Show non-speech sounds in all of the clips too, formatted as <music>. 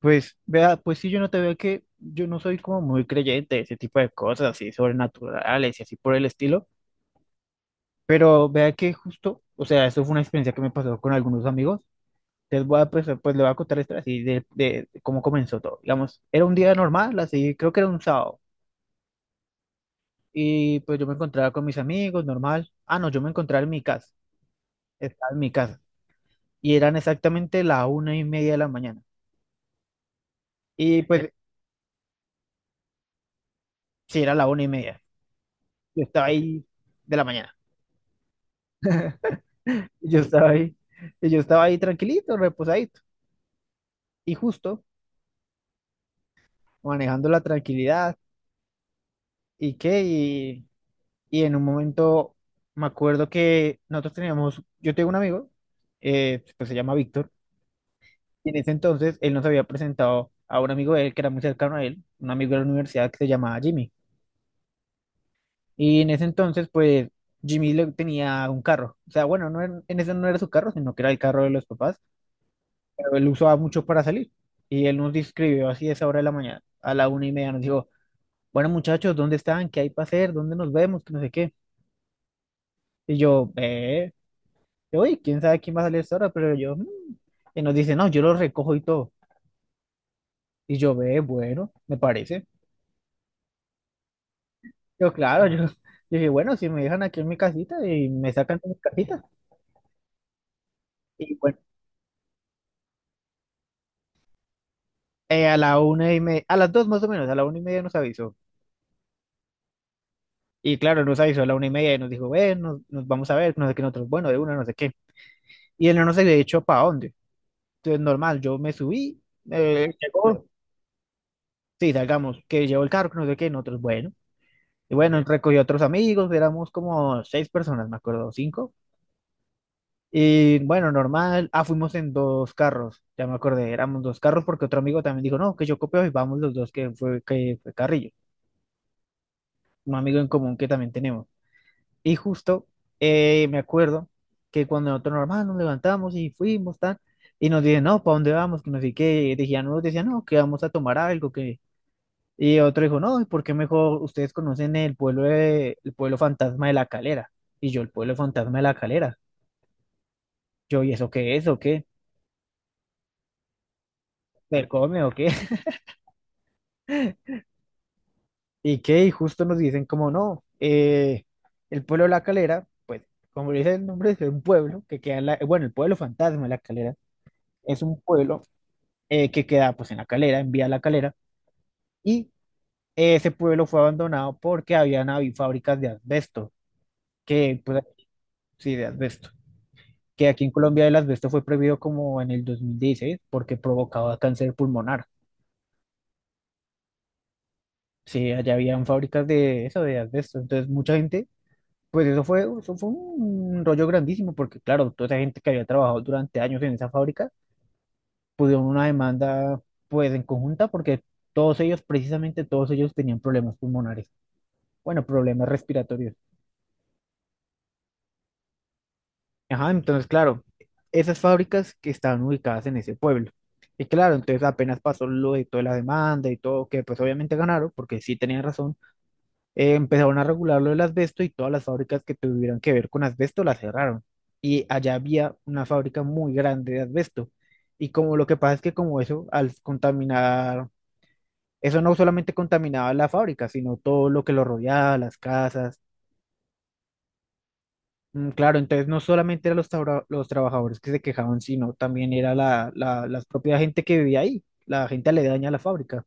Pues, vea, pues sí, yo no te veo que yo no soy como muy creyente de ese tipo de cosas así sobrenaturales y así por el estilo, pero vea que justo, o sea, eso fue una experiencia que me pasó con algunos amigos. Les voy a, pues, pues le voy a contar esto así de cómo comenzó todo. Digamos, era un día normal, así, creo que era un sábado, y pues yo me encontraba con mis amigos, normal. Ah, no, yo me encontraba en mi casa, estaba en mi casa, y eran exactamente la 1:30 de la mañana. Y pues, sí, era la 1:30, yo estaba ahí de la mañana. Y yo estaba ahí, y yo estaba ahí tranquilito, reposadito, y justo manejando la tranquilidad, y qué, y, y en un momento me acuerdo que nosotros teníamos, yo tengo un amigo, pues se llama Víctor, y en ese entonces él nos había presentado a un amigo de él que era muy cercano a él, un amigo de la universidad que se llamaba Jimmy, y en ese entonces pues Jimmy le tenía un carro, o sea, bueno, en ese no era su carro, sino que era el carro de los papás, pero él usaba muchos para salir. Y él nos escribió así a esa hora de la mañana, a la 1:30, nos dijo, bueno muchachos, ¿dónde están? ¿Qué hay para hacer? ¿Dónde nos vemos? Que no sé qué. Y oye, quién sabe quién va a salir a esta hora, pero yo, "Mm". Y nos dice, no, yo lo recojo y todo. Y yo, ve, bueno, me parece. Yo, claro, <laughs> yo dije, bueno, si me dejan aquí en mi casita y me sacan de mi casita. Y bueno, a la 1:30, a las 2:00 más o menos, a la 1:30 nos avisó. Y claro, nos avisó a la 1:30 y nos dijo, ve, nos vamos a ver, no sé qué, nosotros, bueno, de una, no sé qué. Y él no nos había dicho para dónde. Entonces, normal, yo me subí, llegó, sí, salgamos, que llevó el carro, que no sé qué, nosotros, bueno. Y bueno, recogió a otros amigos, éramos como seis personas, me acuerdo, cinco. Y bueno, normal, ah, fuimos en dos carros, ya me acordé, éramos dos carros porque otro amigo también dijo, no, que yo copio y vamos los dos, que fue Carrillo, un amigo en común que también tenemos. Y justo me acuerdo que cuando nosotros normal nos levantamos y fuimos, tan, y nos dicen, no, ¿para dónde vamos? Que no sé qué. Y decían, unos decían, no, que vamos a tomar algo. Que Y otro dijo, no, ¿y por qué mejor ustedes conocen el pueblo, el pueblo fantasma de la Calera? Y yo, el pueblo fantasma de la Calera. Yo, ¿y eso qué es o qué? ¿Se come o qué? <laughs> ¿Y qué? Y justo nos dicen, como no, el pueblo de la Calera, pues, como dice el nombre, es un pueblo que queda en la, bueno, el pueblo fantasma de la Calera. Es un pueblo que queda pues en la Calera, en Vía la Calera, y ese pueblo fue abandonado porque habían habido fábricas de asbesto, que pues sí, de asbesto, que aquí en Colombia el asbesto fue prohibido como en el 2016 porque provocaba cáncer pulmonar. Sí, allá habían fábricas de eso, de asbesto. Entonces mucha gente, pues eso fue un rollo grandísimo porque claro, toda esa gente que había trabajado durante años en esa fábrica, pusieron una demanda pues en conjunta, porque todos ellos, precisamente todos ellos tenían problemas pulmonares. Bueno, problemas respiratorios. Ajá, entonces, claro, esas fábricas que estaban ubicadas en ese pueblo. Y claro, entonces apenas pasó lo de toda la demanda y todo, que pues obviamente ganaron, porque sí tenían razón, empezaron a regular lo del asbesto, y todas las fábricas que tuvieran que ver con asbesto las cerraron. Y allá había una fábrica muy grande de asbesto. Y como lo que pasa es que como eso, al contaminar, eso no solamente contaminaba la fábrica, sino todo lo que lo rodeaba, las casas. Claro, entonces no solamente eran los, los trabajadores que se quejaban, sino también era la propia gente que vivía ahí, la gente aledaña a la fábrica.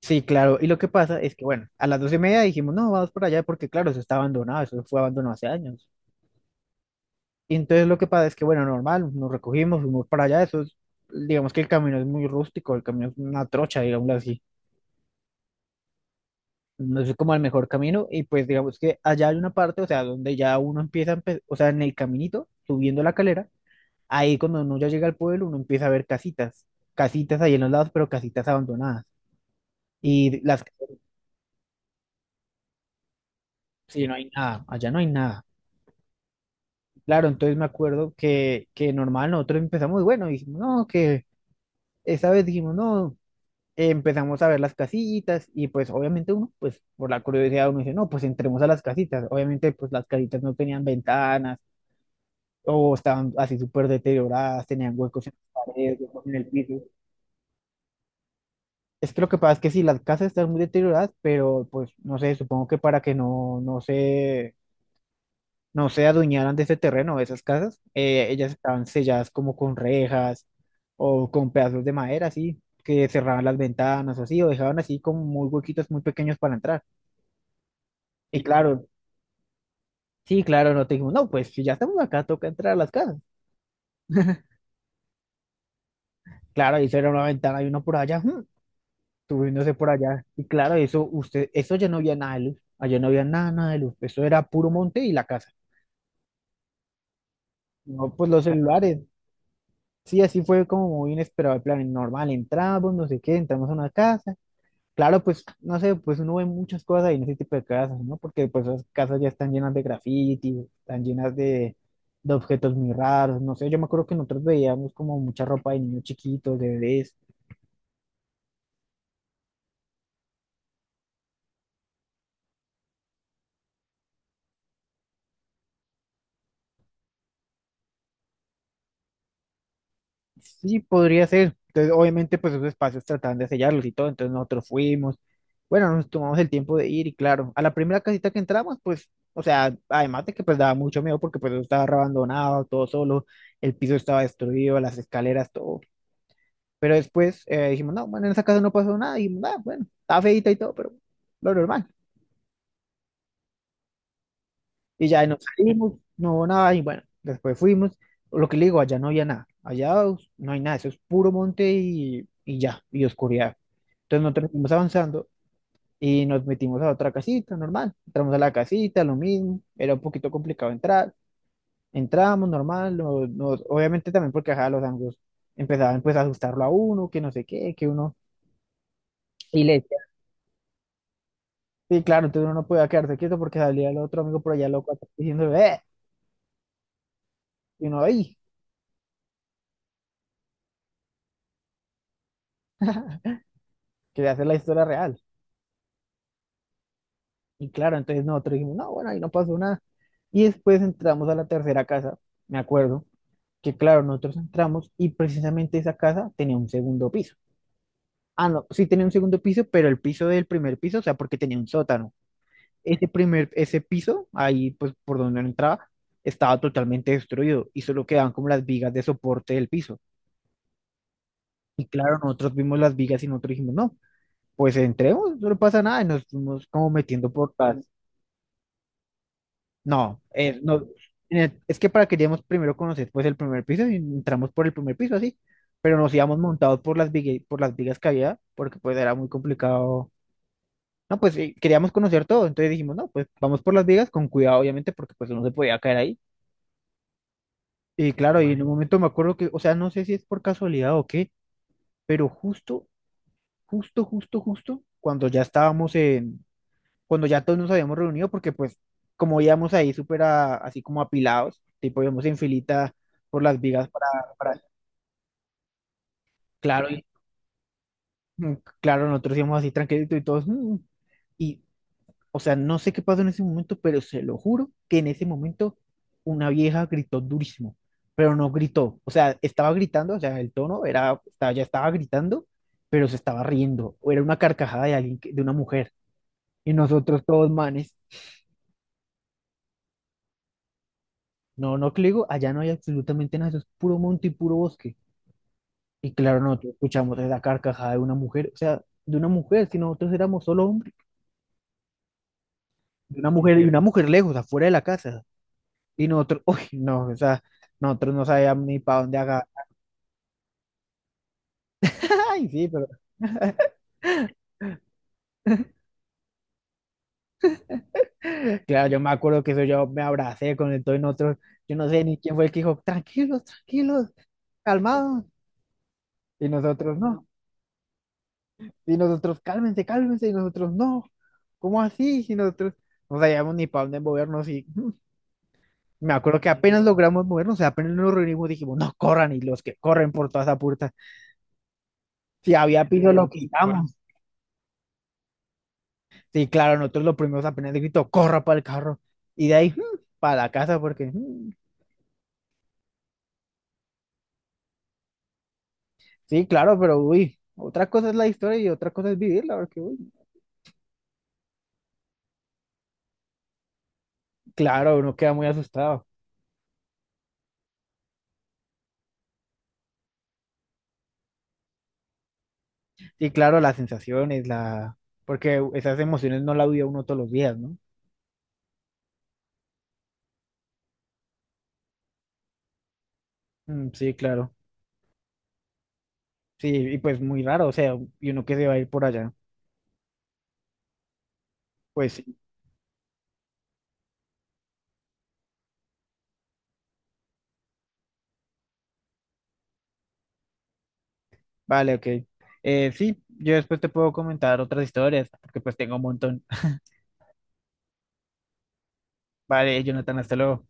Sí, claro, y lo que pasa es que, bueno, a las 12:30 dijimos, no, vamos por allá porque, claro, eso está abandonado, eso fue abandonado hace años. Y entonces lo que pasa es que, bueno, normal, nos recogimos, fuimos para allá, eso es, digamos que el camino es muy rústico, el camino es una trocha, digámoslo así, no es como el mejor camino, y pues digamos que allá hay una parte, o sea, donde ya uno empieza, o sea, en el caminito, subiendo la Calera. Ahí cuando uno ya llega al pueblo, uno empieza a ver casitas, casitas ahí en los lados, pero casitas abandonadas. Y las, sí, no hay nada, allá no hay nada. Claro, entonces me acuerdo que normal nosotros empezamos, y bueno, dijimos, no, que esa vez dijimos, no, empezamos a ver las casitas, y pues obviamente uno, pues por la curiosidad uno dice, no, pues entremos a las casitas. Obviamente pues las casitas no tenían ventanas o estaban así súper deterioradas, tenían huecos en las paredes, huecos en el piso. Es que lo que pasa es que si las casas están muy deterioradas, pero pues no sé, supongo que para que no, no se, no se adueñaran de ese terreno, de esas casas, ellas estaban selladas como con rejas o con pedazos de madera, así, que cerraban las ventanas o así, o dejaban así como muy huequitos muy pequeños para entrar. Y claro, sí, claro, no te dijimos, no, pues si ya estamos acá, toca entrar a las casas. Claro, y era una ventana y uno por allá, subiéndose por allá. Y claro, eso, usted, eso ya no había nada de luz. Allá no había nada, nada de luz. Eso era puro monte y la casa. No, pues los celulares. Sí, así fue como muy inesperado el plan. Normal, entramos, no sé qué, entramos a una casa. Claro, pues, no sé, pues uno ve muchas cosas ahí en ese tipo de casas, ¿no? Porque pues esas casas ya están llenas de graffiti, están llenas de objetos muy raros, no sé. Yo me acuerdo que nosotros veíamos como mucha ropa de niños chiquitos, de bebés. Sí, podría ser. Entonces, obviamente, pues esos espacios trataban de sellarlos y todo. Entonces nosotros fuimos. Bueno, nos tomamos el tiempo de ir y claro, a la primera casita que entramos, pues, o sea, además de que pues daba mucho miedo porque pues eso estaba abandonado, todo solo, el piso estaba destruido, las escaleras, todo. Pero después dijimos, no, bueno, en esa casa no pasó nada. Y dijimos, "Ah, bueno, estaba feita y todo, pero lo normal". Y ya y nos salimos, no hubo nada, y bueno, después fuimos. Lo que le digo, allá no había nada, no hay nada, eso es puro monte y ya, y oscuridad. Entonces nosotros fuimos avanzando y nos metimos a otra casita, normal. Entramos a la casita, lo mismo, era un poquito complicado entrar. Entramos, normal, obviamente también porque ajá, los anglos empezaban pues a asustarlo a uno, que no sé qué, que uno... Y le decía, sí, claro, entonces uno no podía quedarse quieto porque salía el otro amigo por allá loco atrás diciendo, y uno ahí, quería hacer la historia real. Y claro, entonces nosotros dijimos, no, bueno, ahí no pasó nada. Y después entramos a la tercera casa, me acuerdo, que claro, nosotros entramos y precisamente esa casa tenía un segundo piso. Ah, no, sí tenía un segundo piso, pero el piso del primer piso, o sea, porque tenía un sótano. Ese primer, ese piso, ahí pues por donde uno entraba, estaba totalmente destruido y solo quedaban como las vigas de soporte del piso. Y claro, nosotros vimos las vigas y nosotros dijimos, no, pues entremos, no pasa nada. Y nos fuimos como metiendo por las, no, es que para queríamos primero conocer pues el primer piso y entramos por el primer piso así, pero nos íbamos montados por las vigas que había, porque pues era muy complicado. No, pues queríamos conocer todo, entonces dijimos, no, pues vamos por las vigas con cuidado, obviamente porque pues uno se podía caer ahí. Y claro, y en un bueno, momento me acuerdo que, o sea, no sé si es por casualidad o qué, pero justo, justo, justo, justo, cuando ya estábamos en, cuando ya todos nos habíamos reunido, porque pues como íbamos ahí súper así como apilados, tipo íbamos en filita por las vigas para- claro, y, mm, claro, nosotros íbamos así tranquilitos y todos, y o sea, no sé qué pasó en ese momento, pero se lo juro que en ese momento una vieja gritó durísimo, pero no gritó, o sea, estaba gritando, o sea, el tono era, ya estaba gritando, pero se estaba riendo, o era una carcajada de alguien, de una mujer, y nosotros todos manes. No, no, que le digo, allá no hay absolutamente nada, eso es puro monte y puro bosque. Y claro, nosotros escuchamos la carcajada de una mujer, o sea, de una mujer, si nosotros éramos solo hombres, de una mujer y una mujer lejos, afuera de la casa. Y nosotros, <laughs> uy, no, o sea, nosotros no sabíamos ni para dónde agarrar. <laughs> Ay, sí, pero <laughs> claro, yo me acuerdo que eso yo me abracé con el todo y nosotros, yo no sé ni quién fue el que dijo, tranquilos, tranquilos, calmados. Y nosotros, no, y nosotros, cálmense, cálmense, y nosotros, no, ¿cómo así? Y nosotros no sabíamos ni para dónde movernos y. <laughs> Me acuerdo que apenas logramos movernos, o sea, apenas nos reunimos, dijimos, no corran, y los que corren por toda esa puerta. Si había piso, lo bueno, quitamos. Sí, claro, nosotros los primeros apenas de grito, corra para el carro. Y de ahí, para la casa, porque sí, claro, pero uy, otra cosa es la historia y otra cosa es vivirla, porque uy, claro, uno queda muy asustado. Sí, claro, las sensaciones, la... porque esas emociones no las vive uno todos los días, ¿no? Mm, sí, claro. Sí, y pues muy raro, o sea, y uno que se va a ir por allá. Pues vale, ok. Sí, yo después te puedo comentar otras historias, porque pues tengo un montón. Vale, Jonathan, hasta luego.